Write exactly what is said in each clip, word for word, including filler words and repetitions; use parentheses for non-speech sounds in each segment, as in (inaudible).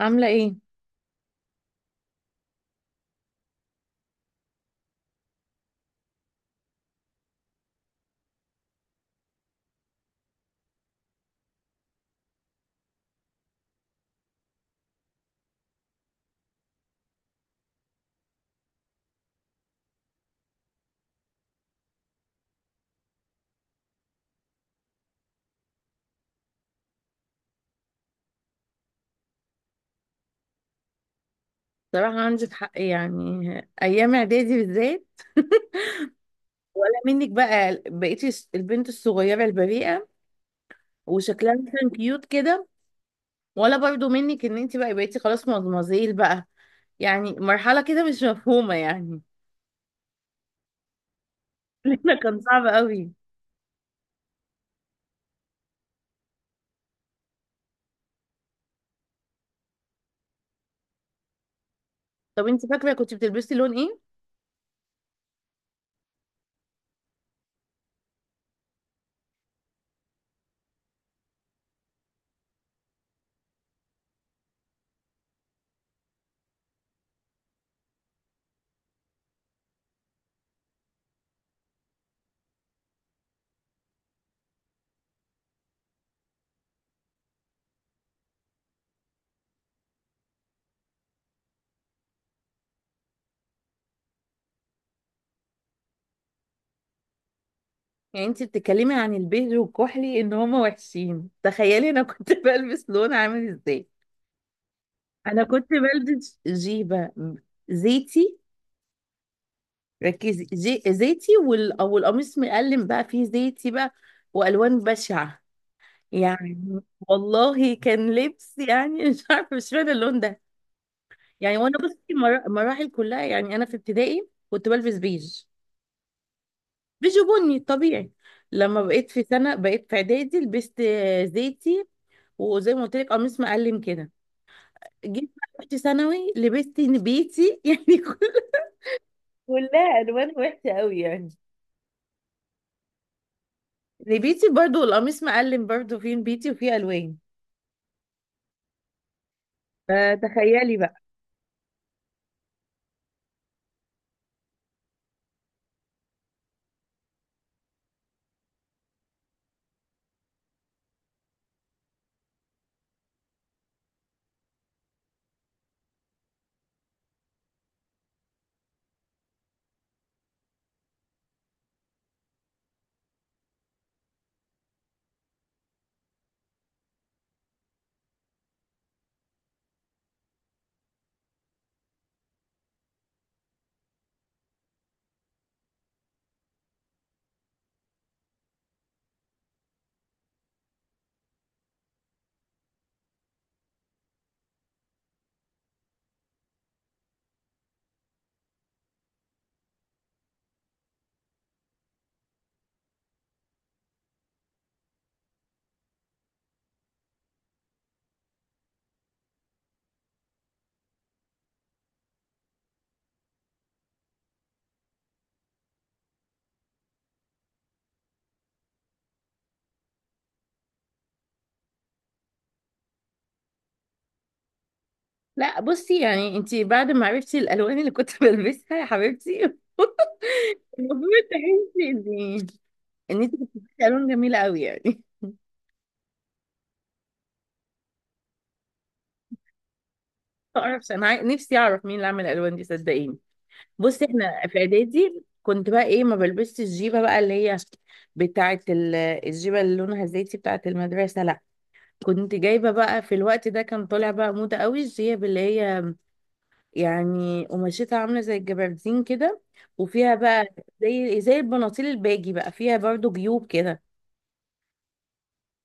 عاملة ايه؟ صراحة عندك حق، يعني أيام إعدادي بالذات. (laughs) ولا منك بقى بقيتي الس- البنت الصغيرة البريئة وشكلها مثلا كيوت كده، ولا برضو منك إن انت بقى بقيتي خلاص مدمزيل بقى. يعني مرحلة كده مش مفهومة يعني. (laughs) لأن كان صعب قوي. طب انت فاكرة كنت بتلبسي لون ايه؟ يعني انت بتتكلمي عن البيج والكحلي إن هما وحشين، تخيلي أنا كنت (laughs) بلبس لون عامل ازاي؟ أنا كنت بلبس جيبة زيتي. ركزي، زي... زيتي وال... او القميص مقلم بقى فيه زيتي بقى، والوان بشعه يعني. والله كان لبس يعني (laughs) مش عارفه، مش فاهمه اللون ده يعني. وانا بصي، مرا- مراحل كلها، يعني انا في ابتدائي كنت بلبس بيج، بيج وبني طبيعي. لما بقيت في سنه، بقيت في اعدادي لبست زيتي، وزي ما قلت لك قميص مقلم كده. جيت بقى رحت ثانوي لبست نبيتي (laughs) يعني. كلها الوان وحشه قوي يعني. نبيتي برضو، والقميص مقلم برضو فيه نبيتي وفيه الوان، فتخيلي بقى. لا بصي، يعني انتي بعد ما عرفتي الالوان اللي كنت (laughs) بلبسها يا حبيبتي، (laughs) المفروض تحسي ان ان انتي كنت بتلبسي الوان جميله قوي يعني. (laughs) ما اعرفش انا عاي- نفسي اعرف مين اللي عمل الالوان دي صدقيني. بصي احنا في اعدادي كنت بقى ايه، ما بلبسش الجيبه بقى اللي هي بتاعه ال- الجيبه اللي لونها زيتي بتاعه المدرسه، لا، كنت جايبه بقى. في الوقت ده كان طالع بقى موضه قوي الجيب اللي هي، يعني قماشتها عاملة زي الجبردين كده، وفيها بقى زي زي البناطيل الباجي بقى، فيها برضو جيوب كده.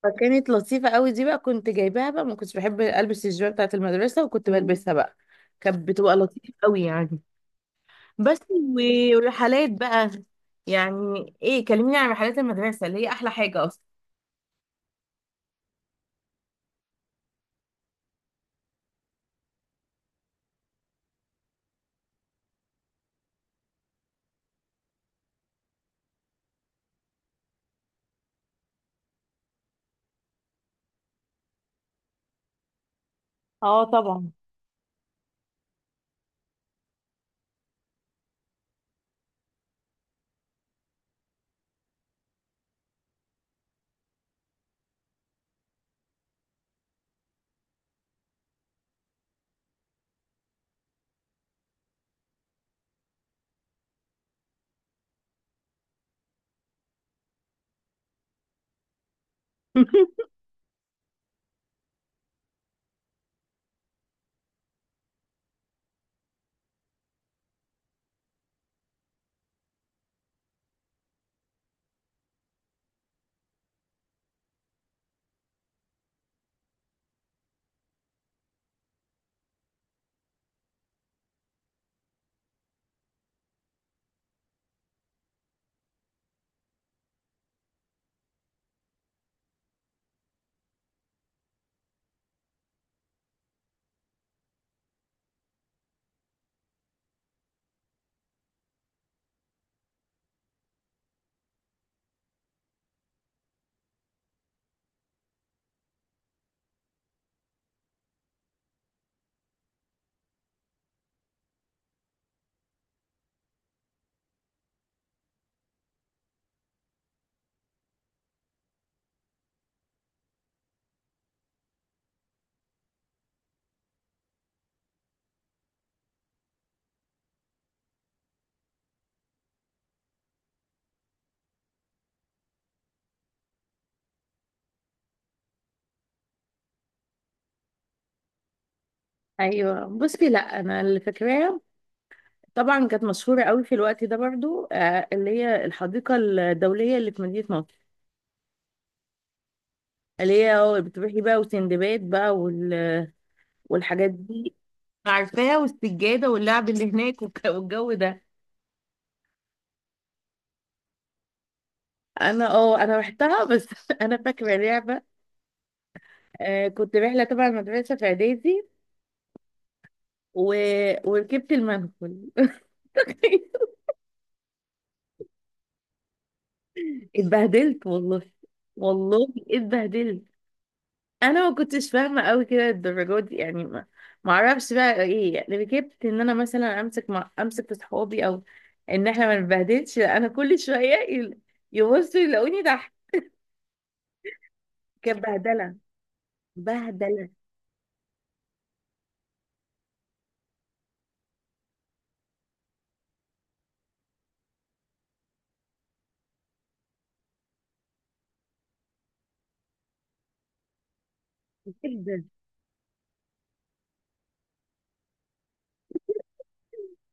فكانت لطيفة قوي دي، بقى كنت جايباها بقى، ما كنتش بحب البس الجيبة بتاعة المدرسة وكنت بلبسها بقى، كانت بتبقى لطيفة قوي يعني. بس و- والرحلات بقى، يعني ايه، كلميني عن رحلات المدرسة اللي هي احلى حاجة اصلا. اه طبعا. (laughs) ايوه بصي، لا انا اللي فاكراها، طبعا كانت مشهورة قوي في الوقت ده برضو، آه، اللي هي الحديقة الدولية اللي في مدينة نصر. اللي هي اه بتروحي بقى وسندباد بقى وال... والحاجات دي. عارفاها، والسجادة واللعب اللي هناك والك- والجو ده. انا اه انا رحتها بس، (laughs) انا فاكرة لعبة. آه كنت رحلة تبع المدرسة في اعدادي و... وركبت المنقل. (laughs) اتبهدلت والله، والله اتبهدلت. انا ما كنتش فاهمه قوي كده الدرجات دي، يعني ما ما اعرفش بقى ايه، يعني ركبت ان انا مثلا امسك، مع امسك في صحابي، او ان احنا ما نبهدلش، لا، انا كل شويه يل- يبصوا يلاقوني تحت. كانت بهدله، بهدله جدا.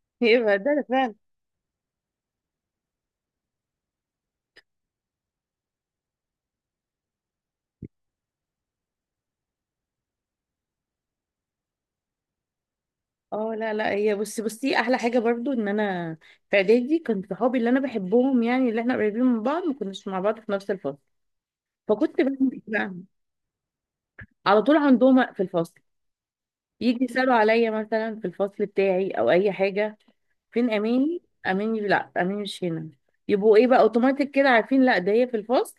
(laughs) هي بهدله فعلا. اه لا لا هي بصي بصي احلى حاجه برضو ان انا في اعدادي كنت صحابي اللي انا بحبهم، يعني اللي احنا قريبين من بعض ما كناش مع بعض في نفس الفصل، فكنت بعمل إيه بقى، على طول عندهم في الفصل، يجي يسالوا عليا مثلا في الفصل بتاعي او اي حاجه، فين اماني، اماني، لا اماني مش هنا، يبقوا ايه بقى اوتوماتيك كده عارفين لا ده هي في الفصل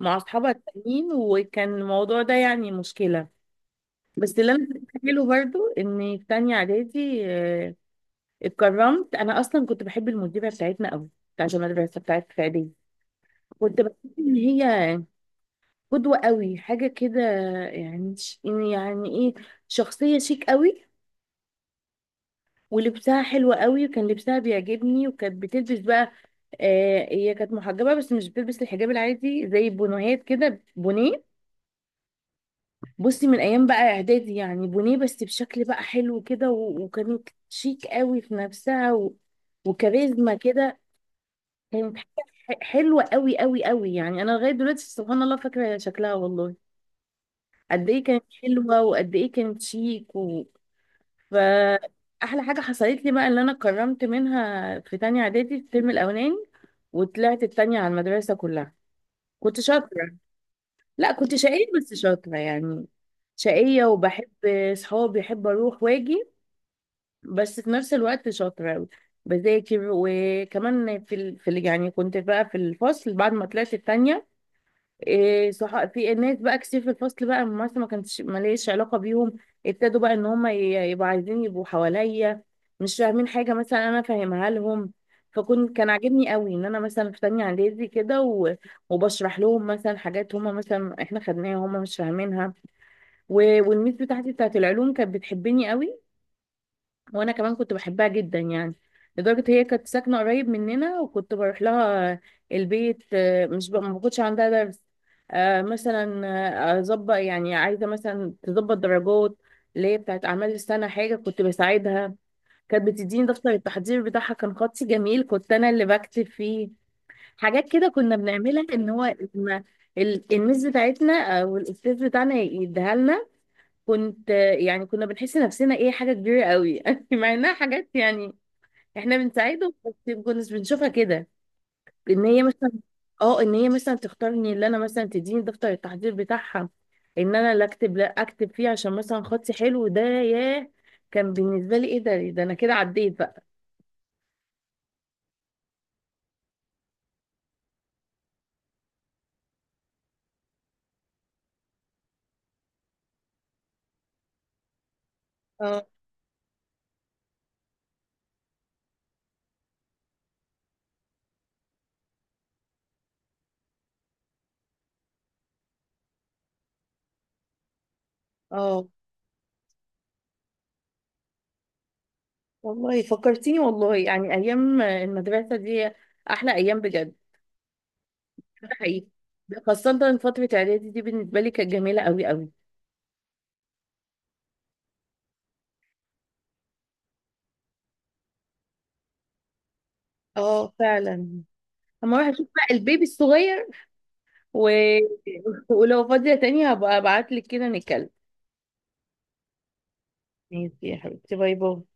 مع اصحابها التانيين. وكان الموضوع ده يعني مشكله. بس اللي انا فاكره برضو ان في تانية اعدادي، آه، اتكرمت. انا اصلا كنت بحب المديره بتاعتنا قوي، بتاعت المدرسه بتاعت في اعدادي، كنت بحس ان هي قدوه قوي، حاجه كده، يعني ش- يعني ايه، شخصيه شيك قوي، ولبسها حلو قوي وكان لبسها بيعجبني، وكانت بتلبس بقى، آه هي كانت محجبة بس مش بتلبس الحجاب العادي زي البنوهات كده، بونيه. بصي من ايام بقى اعدادي يعني، بونيه بس بشكل بقى حلو كده، و- وكانت شيك قوي في نفسها و... وكاريزما كده. كانت حاجة ح- حلوة قوي قوي قوي يعني انا لغاية دلوقتي سبحان الله فاكرة شكلها والله، قد ايه كانت حلوة وقد ايه كانت شيك و... فأحلى حاجة حصلت لي بقى اللي أنا اتكرمت منها في تانية إعدادي الترم الأولاني، وطلعت التانية على المدرسة كلها. كنت شاطرة، لا كنت شقية بس شاطرة يعني، شقية وبحب صحابي، بحب أروح وأجي، بس في نفس الوقت شاطرة بذاكر. وكمان في ال... في ال... يعني كنت بقى في الفصل بعد ما طلعت التانية، إيه صح، في ناس بقى كتير في الفصل بقى مثلا ما كانتش ماليش علاقة بيهم، ابتدوا بقى ان هم ي- يبقوا عايزين يبقوا حواليا، مش فاهمين حاجة مثلا انا فاهمها لهم، فكنت كان عاجبني قوي ان انا مثلا في تانية اعدادي كده، و- وبشرح لهم مثلا حاجات هم مثلا احنا خدناها هم مش فاهمينها. و- والميس بتاعتي بتاعت العلوم كانت بتحبني قوي، وانا كمان كنت بحبها جدا يعني، لدرجة هي كانت ساكنة قريب مننا وكنت بروح لها البيت، آه، مش ب... ما كنتش عندها درس، آه، مثلا آه، اظبط، يعني عايزة مثلا تظبط درجات اللي هي بتاعت اعمال السنة، حاجة كنت بساعدها. كانت بتديني دفتر التحضير بتاعها، كان خطي جميل كنت انا اللي بكتب فيه. حاجات كده كنا بنعملها ان هو إن ال- الميس بتاعتنا او الاستاذ بتاعنا يديها لنا، كنت يعني كنا بنحس نفسنا ايه، حاجة كبيرة قوي (laughs) يعني، مع انها حاجات يعني احنا بنساعدهم، بس ما كناش بنشوفها كده، ان هي مثلا، اه ان هي مثلا تختارني، اللي انا مثلا تديني دفتر التحضير بتاعها، ان انا اللي اكتب لا اكتب فيه عشان مثلا خطي حلو، ده ياه، كان بالنسبة لي ايه ده، إيه ده، انا كده عديت بقى. اه. اه والله فكرتيني، والله يعني ايام المدرسة دي احلى ايام بجد. ده حقيقي، خاصة فترة اعدادي دي بالنسبة لي كانت جميلة قوي قوي. اه فعلا. اما اروح اشوف بقى البيبي الصغير و... (laughs) ولو فاضية تاني هبقى ابعتلك كده نتكلم. ماشي يا حبيبتي، باي باي.